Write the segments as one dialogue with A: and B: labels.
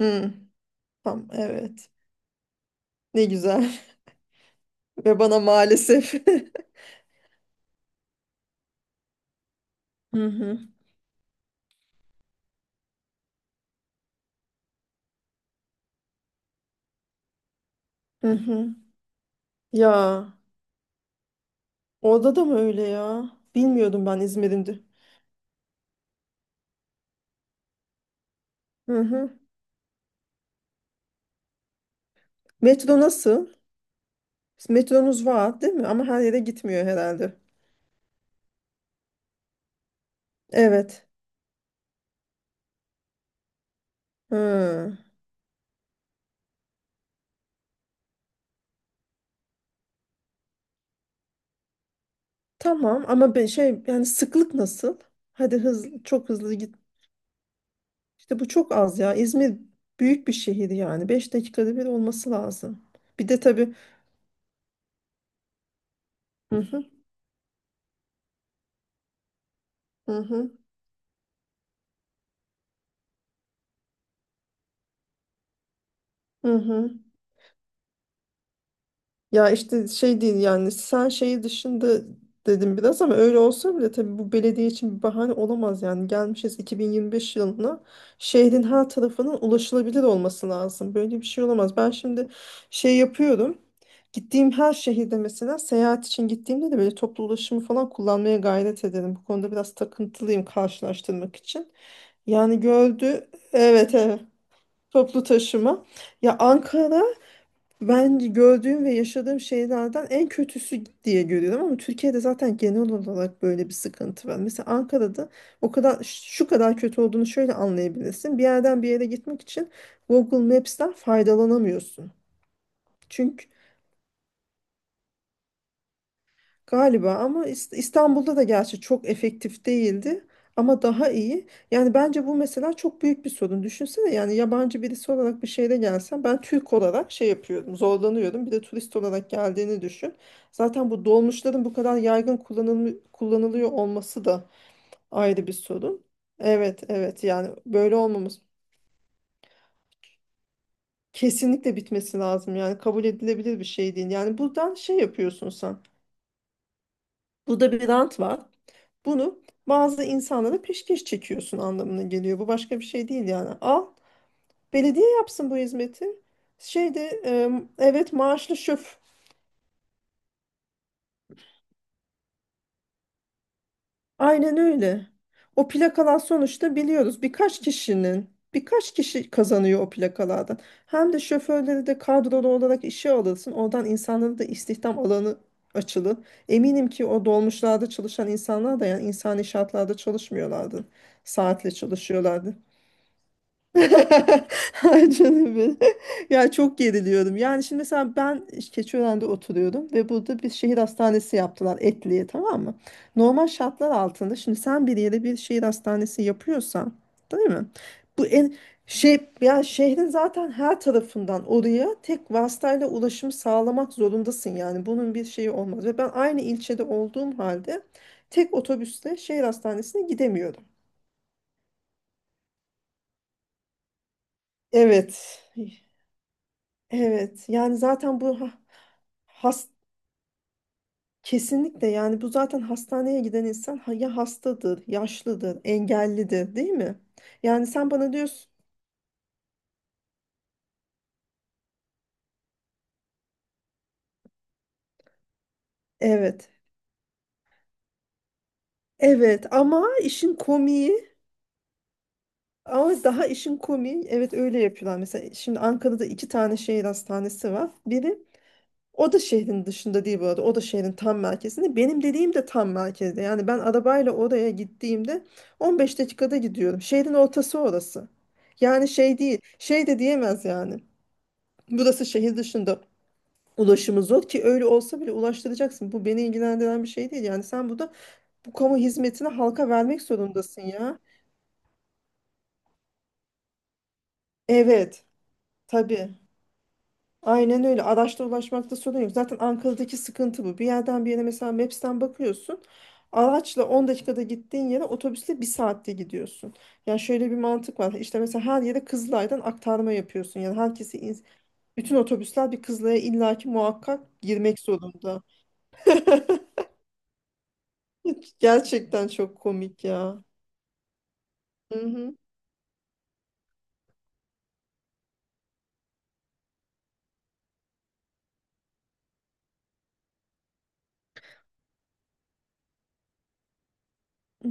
A: Hı, tam evet. Ne güzel. Ve bana maalesef. Hı hı. Hı hı. Ya orada da mı öyle ya? Bilmiyordum ben İzmir'in de. Hı hı. Metro nasıl? Metronuz var değil mi? Ama her yere gitmiyor herhalde. Evet. Hı. Tamam ama ben şey yani sıklık nasıl? Hadi hız çok hızlı git. İşte bu çok az ya. İzmir büyük bir şehir yani. 5 dakikada bir olması lazım. Bir de tabii. Hı hı. Hı hı. Hı hı. Ya işte şey değil yani sen şeyi dışında dedim biraz ama öyle olsa bile tabii bu belediye için bir bahane olamaz. Yani gelmişiz 2025 yılına, şehrin her tarafının ulaşılabilir olması lazım. Böyle bir şey olamaz. Ben şimdi şey yapıyorum, gittiğim her şehirde mesela seyahat için gittiğimde de böyle toplu ulaşımı falan kullanmaya gayret ederim, bu konuda biraz takıntılıyım karşılaştırmak için. Yani gördü, evet, evet, toplu taşıma. Ya, Ankara ben gördüğüm ve yaşadığım şeylerden en kötüsü diye görüyorum, ama Türkiye'de zaten genel olarak böyle bir sıkıntı var. Mesela Ankara'da o kadar şu kadar kötü olduğunu şöyle anlayabilirsin: bir yerden bir yere gitmek için Google Maps'ten faydalanamıyorsun. Çünkü. Galiba, ama İstanbul'da da gerçi çok efektif değildi ama daha iyi. Yani bence bu mesela çok büyük bir sorun. Düşünsene, yani yabancı birisi olarak bir şehre gelsem, ben Türk olarak şey yapıyordum, zorlanıyordum. Bir de turist olarak geldiğini düşün. Zaten bu dolmuşların bu kadar yaygın kullanılıyor olması da ayrı bir sorun. Evet, evet, yani böyle olmamız kesinlikle bitmesi lazım. Yani kabul edilebilir bir şey değil. Yani buradan şey yapıyorsun sen. Burada bir rant var. Bunu bazı insanlara peşkeş çekiyorsun anlamına geliyor. Bu başka bir şey değil yani. Al, belediye yapsın bu hizmeti. Şeyde evet, maaşlı şoför. Aynen öyle. O plakalar sonuçta biliyoruz, birkaç kişi kazanıyor o plakalardan. Hem de şoförleri de kadrolu olarak işe alırsın, oradan insanların da istihdam alanı açılır. Eminim ki o dolmuşlarda çalışan insanlar da yani insani şartlarda çalışmıyorlardı. Saatle çalışıyorlardı. Ay canım benim. Ya çok geriliyorum. Yani şimdi mesela ben Keçiören'de oturuyordum ve burada bir şehir hastanesi yaptılar Etli'ye, tamam mı? Normal şartlar altında şimdi sen bir yere bir şehir hastanesi yapıyorsan, değil mi? Bu en şey ya, şehrin zaten her tarafından oraya tek vasıtayla ulaşım sağlamak zorundasın, yani bunun bir şeyi olmaz, ve ben aynı ilçede olduğum halde tek otobüsle şehir hastanesine gidemiyorum. Evet. Evet yani zaten bu ha- has kesinlikle, yani bu zaten hastaneye giden insan, ya hastadır, yaşlıdır, engellidir, değil mi? Yani sen bana diyorsun evet. Evet, ama işin komiği, ama daha işin komiği, evet, öyle yapıyorlar. Mesela şimdi Ankara'da iki tane şehir hastanesi var. Biri. O da şehrin dışında değil bu arada. O da şehrin tam merkezinde. Benim dediğim de tam merkezde. Yani ben arabayla oraya gittiğimde 15 dakikada gidiyorum. Şehrin ortası orası. Yani şey değil. Şey de diyemez yani. Burası şehir dışında, ulaşımı zor, ki öyle olsa bile ulaştıracaksın. Bu beni ilgilendiren bir şey değil. Yani sen burada bu kamu hizmetini halka vermek zorundasın ya. Evet. Tabii. Aynen öyle. Araçla ulaşmakta sorun yok. Zaten Ankara'daki sıkıntı bu. Bir yerden bir yere mesela Maps'ten bakıyorsun. Araçla 10 dakikada gittiğin yere otobüsle bir saatte gidiyorsun. Yani şöyle bir mantık var. İşte mesela her yere Kızılay'dan aktarma yapıyorsun. Yani herkesi, bütün otobüsler bir Kızılay'a illaki muhakkak girmek zorunda. Gerçekten çok komik ya. Hı hı.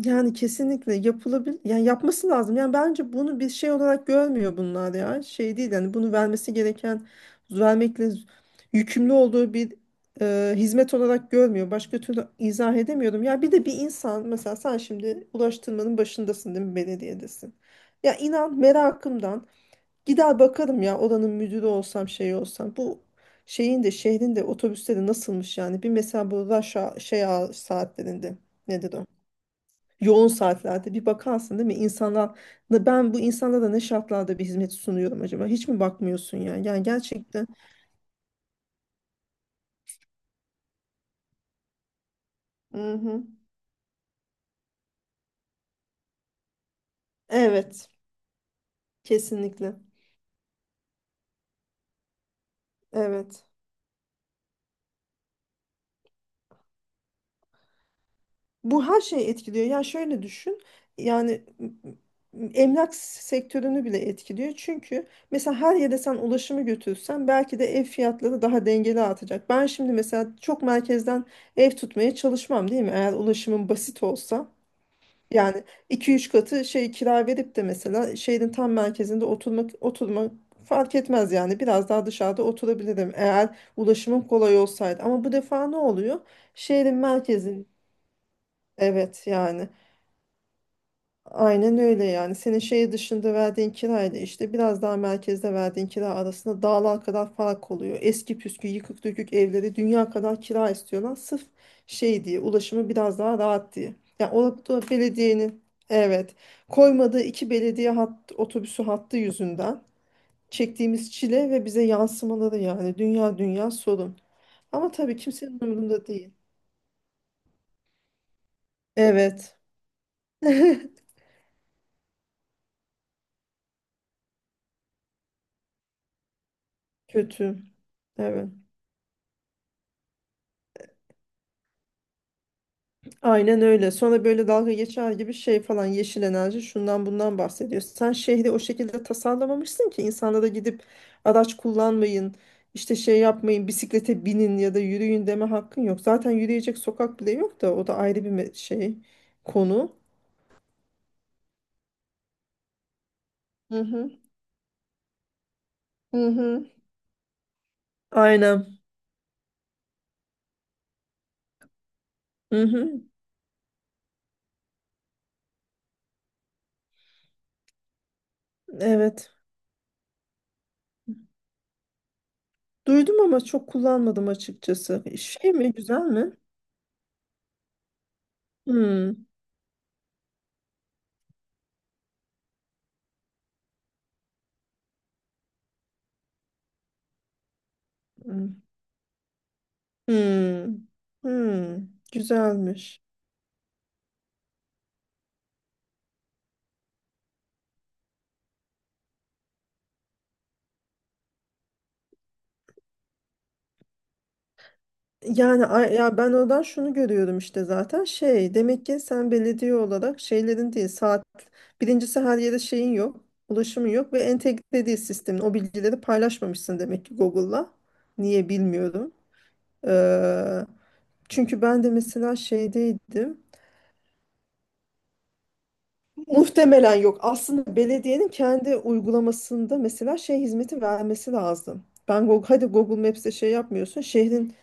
A: Yani kesinlikle yapılabilir. Yani yapması lazım. Yani bence bunu bir şey olarak görmüyor bunlar ya. Şey değil, yani bunu vermesi gereken, vermekle yükümlü olduğu bir hizmet olarak görmüyor. Başka türlü izah edemiyorum. Ya bir de bir insan, mesela sen şimdi ulaştırmanın başındasın değil mi, belediyedesin. Ya inan merakımdan gider bakarım ya, oranın müdürü olsam, şey olsam. Bu şeyin de şehrin de otobüsleri nasılmış yani. Bir mesela bu şey hour saatlerinde, nedir o, yoğun saatlerde, bir bakarsın değil mi? İnsanlar, ben bu insanlara ne şartlarda bir hizmet sunuyorum acaba? Hiç mi bakmıyorsun yani? Yani gerçekten. Mhm. Evet, kesinlikle. Evet. Bu her şeyi etkiliyor. Yani şöyle düşün. Yani emlak sektörünü bile etkiliyor. Çünkü mesela her yere sen ulaşımı götürsen belki de ev fiyatları daha dengeli artacak. Ben şimdi mesela çok merkezden ev tutmaya çalışmam, değil mi, eğer ulaşımım basit olsa. Yani iki üç katı şey kira verip de mesela şehrin tam merkezinde oturmak fark etmez yani, biraz daha dışarıda oturabilirim eğer ulaşımım kolay olsaydı, ama bu defa ne oluyor? Şehrin merkezin, evet yani. Aynen öyle yani. Senin şehir dışında verdiğin kirayla işte biraz daha merkezde verdiğin kira arasında dağlar kadar fark oluyor. Eski püskü yıkık dökük evleri dünya kadar kira istiyorlar. Sırf şey diye, ulaşımı biraz daha rahat diye. Yani orada belediyenin, evet, koymadığı iki belediye otobüsü hattı yüzünden çektiğimiz çile ve bize yansımaları yani dünya dünya sorun. Ama tabii kimsenin umurunda değil. Evet. Kötü. Evet. Aynen öyle. Sonra böyle dalga geçer gibi şey falan, yeşil enerji, şundan bundan bahsediyor. Sen şehri o şekilde tasarlamamışsın ki insanlara gidip araç kullanmayın, işte şey yapmayın, bisiklete binin ya da yürüyün deme hakkın yok. Zaten yürüyecek sokak bile yok da, o da ayrı bir şey konu. Hı hı. Hı hı. Aynen. Hı hı. Evet. Duydum ama çok kullanmadım açıkçası. Şey mi, güzel mi? Hmm. Hmm. Hmm. Hmm. Güzelmiş. Yani ya ben oradan şunu görüyorum, işte zaten şey, demek ki sen belediye olarak şeylerin değil saat, birincisi her yere şeyin yok, ulaşımın yok ve entegre değil sistemin, o bilgileri paylaşmamışsın demek ki Google'la, niye bilmiyorum. Ee, Çünkü ben de mesela şeydeydim. Muhtemelen yok. Aslında belediyenin kendi uygulamasında mesela şey hizmeti vermesi lazım. Ben Google, hadi Google Maps'te şey yapmıyorsun, şehrin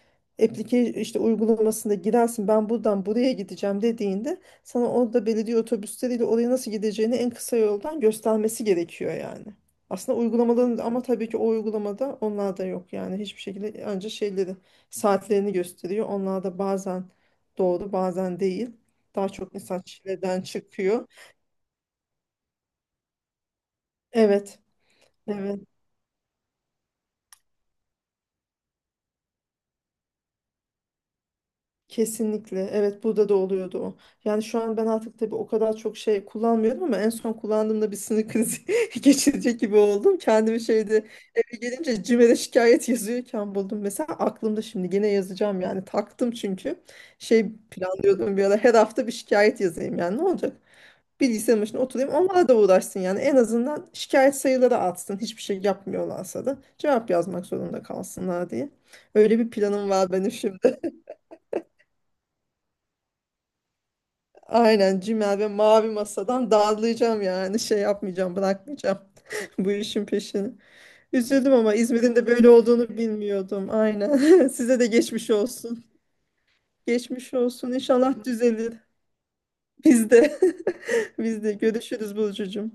A: application işte uygulamasında girersin. Ben buradan buraya gideceğim dediğinde sana orada belediye otobüsleriyle oraya nasıl gideceğini en kısa yoldan göstermesi gerekiyor yani. Aslında uygulamaların, ama tabii ki o uygulamada onlar da yok yani, hiçbir şekilde, ancak şeyleri, saatlerini gösteriyor. Onlar da bazen doğru bazen değil. Daha çok insan çileden çıkıyor. Evet, evet. Kesinlikle. Evet, burada da oluyordu o. Yani şu an ben artık tabii o kadar çok şey kullanmıyorum, ama en son kullandığımda bir sinir krizi geçirecek gibi oldum. Kendimi şeyde, eve gelince CİMER'e şikayet yazıyorken buldum. Mesela aklımda şimdi gene yazacağım yani, taktım çünkü. Şey planlıyordum bir ara, her hafta bir şikayet yazayım yani, ne olacak? Bilgisayarın başına oturayım, onlara da uğraşsın yani, en azından şikayet sayıları artsın, hiçbir şey yapmıyorlarsa da cevap yazmak zorunda kalsınlar diye. Öyle bir planım var benim şimdi. Aynen, Cimel ve Mavi Masa'dan dağılacağım yani, şey yapmayacağım, bırakmayacağım bu işin peşini. Üzüldüm ama İzmir'in de böyle olduğunu bilmiyordum, aynen. Size de geçmiş olsun. Geçmiş olsun, inşallah düzelir. Biz de biz de görüşürüz Burcucuğum.